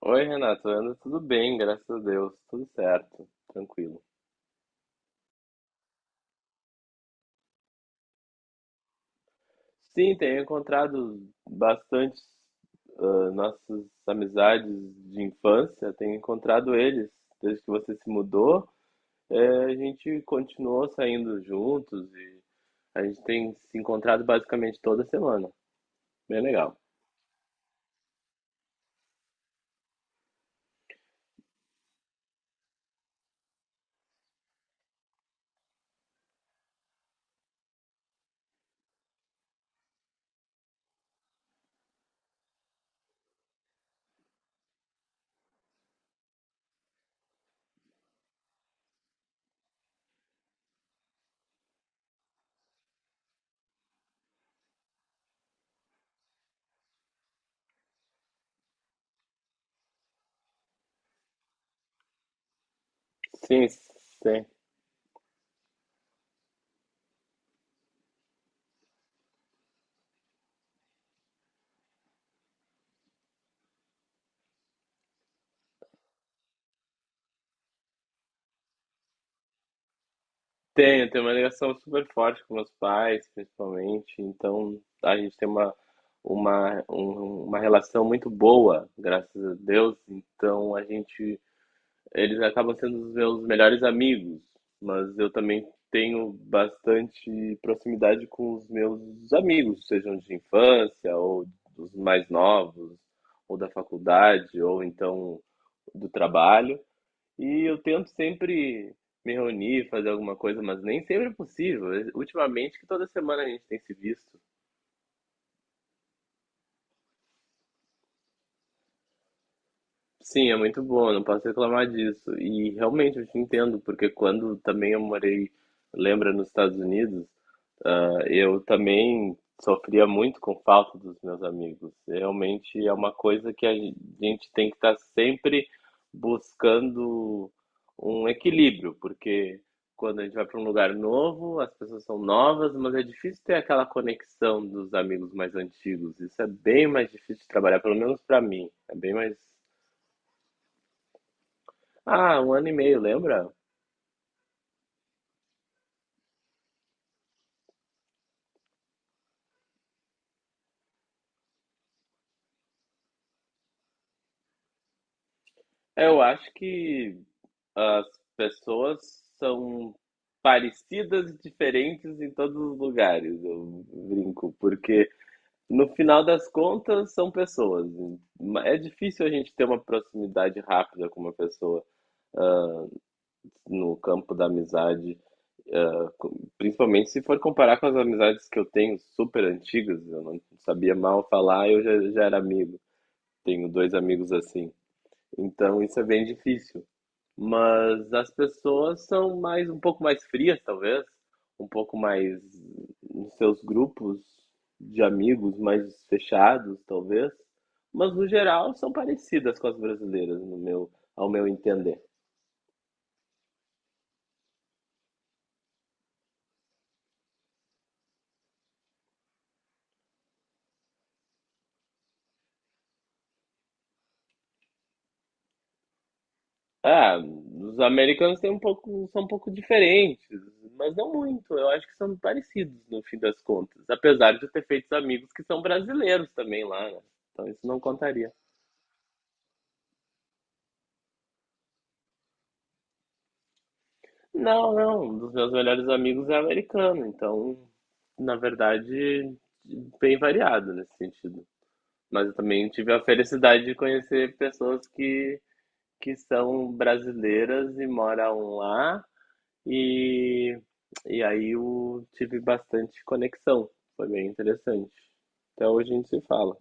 Oi, Renato, anda tudo bem, graças a Deus, tudo certo, tranquilo. Sim, tenho encontrado bastante nossas amizades de infância, tenho encontrado eles desde que você se mudou. A gente continuou saindo juntos e a gente tem se encontrado basicamente toda semana. Bem legal. Sim, sim. Tenho uma ligação super forte com meus pais, principalmente. Então, a gente tem uma, uma relação muito boa, graças a Deus. Então, a gente, eles acabam sendo os meus melhores amigos, mas eu também tenho bastante proximidade com os meus amigos, sejam de infância ou dos mais novos, ou da faculdade, ou então do trabalho. E eu tento sempre me reunir, fazer alguma coisa, mas nem sempre é possível. Ultimamente, que toda semana a gente tem se visto. Sim, é muito bom, não posso reclamar disso. E realmente eu te entendo, porque quando também eu morei, lembra, nos Estados Unidos, eu também sofria muito com falta dos meus amigos. Realmente é uma coisa que a gente tem que estar sempre buscando um equilíbrio, porque quando a gente vai para um lugar novo, as pessoas são novas, mas é difícil ter aquela conexão dos amigos mais antigos. Isso é bem mais difícil de trabalhar, pelo menos para mim. É bem mais um ano e meio, lembra? É, eu acho que as pessoas são parecidas e diferentes em todos os lugares, eu brinco, porque no final das contas são pessoas. É difícil a gente ter uma proximidade rápida com uma pessoa no campo da amizade, principalmente se for comparar com as amizades que eu tenho super antigas, eu não sabia mal falar, eu já era amigo. Tenho dois amigos assim. Então isso é bem difícil. Mas as pessoas são mais um pouco mais frias, talvez, um pouco mais nos seus grupos de amigos mais fechados, talvez, mas no geral são parecidas com as brasileiras, no meu, ao meu entender. Ah, os americanos têm um pouco, são um pouco diferentes, mas não muito. Eu acho que são parecidos no fim das contas, apesar de eu ter feito amigos que são brasileiros também lá, né? Então isso não contaria. Não, não, um dos meus melhores amigos é americano, então, na verdade, bem variado nesse sentido. Mas eu também tive a felicidade de conhecer pessoas que são brasileiras e moram lá, e, e aí eu tive bastante conexão, foi bem interessante. Até hoje a gente se fala.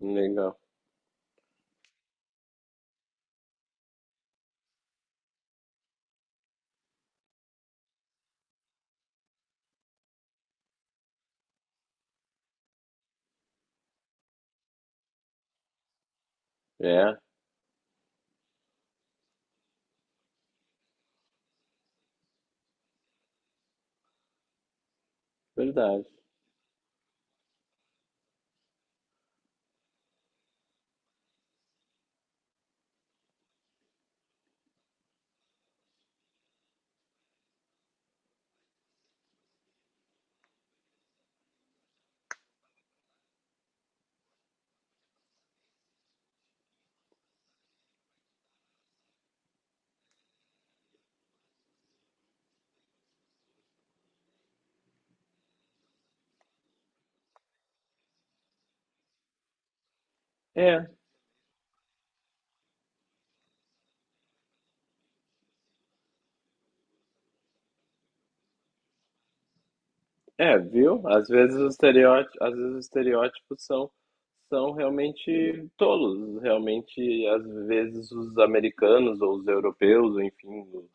Legal. É, verdade. É, viu? Às vezes os estereótipos, são realmente tolos. Realmente, às vezes os americanos ou os europeus, ou enfim, o-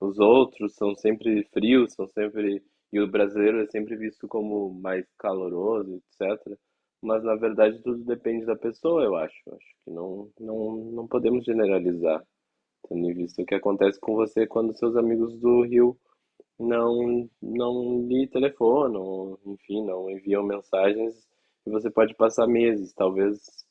os outros são sempre frios, são sempre e o brasileiro é sempre visto como mais caloroso, etc. Mas na verdade tudo depende da pessoa, eu acho. Acho que não, não podemos generalizar, tendo em vista o que acontece com você quando seus amigos do Rio não lhe telefonam, enfim, não enviam mensagens e você pode passar meses, talvez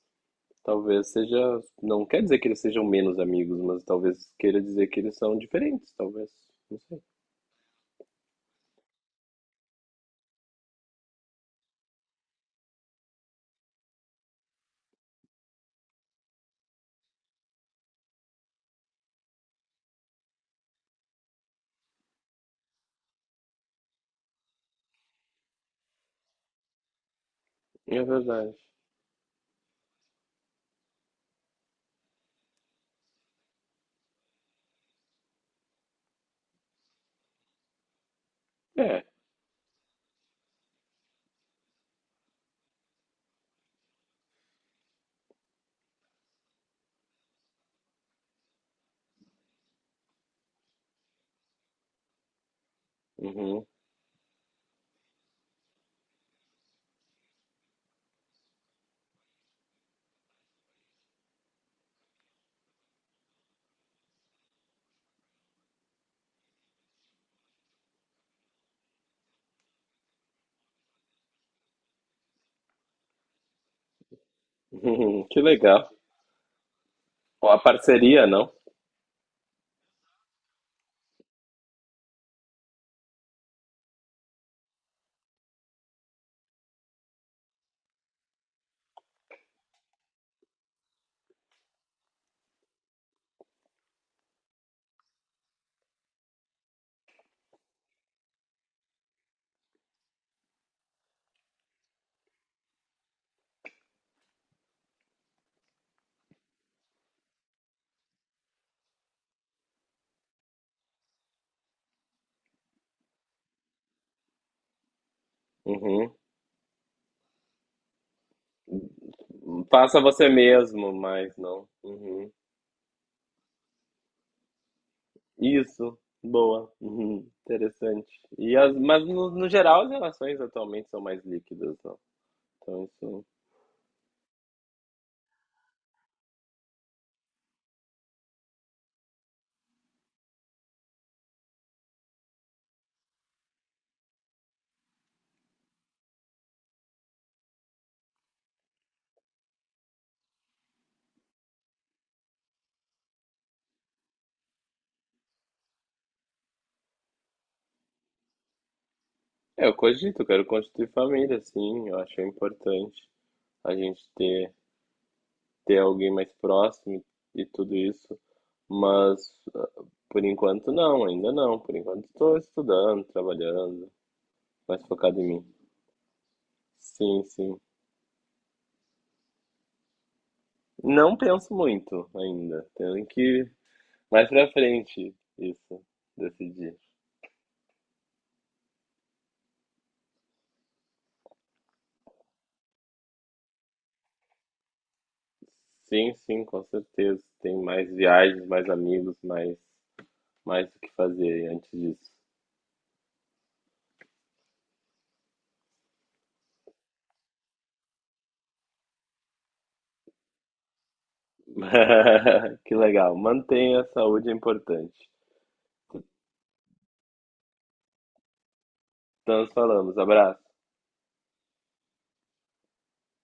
talvez seja, não quer dizer que eles sejam menos amigos, mas talvez queira dizer que eles são diferentes, talvez, não sei. É verdade. É. Uhum. Uhum. Que legal. Ó, a parceria, não? Uhum. Faça você mesmo, mas não. Uhum. Isso. Boa. Uhum. Interessante. Mas no geral as relações atualmente são mais líquidas, não? Então, isso. É, eu cogito, eu quero constituir família, sim, eu acho importante a gente ter, ter alguém mais próximo e tudo isso, mas por enquanto não, ainda não, por enquanto estou estudando, trabalhando, mais focado em mim. Sim, sim. Não penso muito ainda, tenho que mais pra frente isso, decidir. Sim, sim, com certeza, tem mais viagens, mais amigos, mais o que fazer antes disso. Que legal. Mantenha a saúde é importante. Então, nos falamos. Abraço.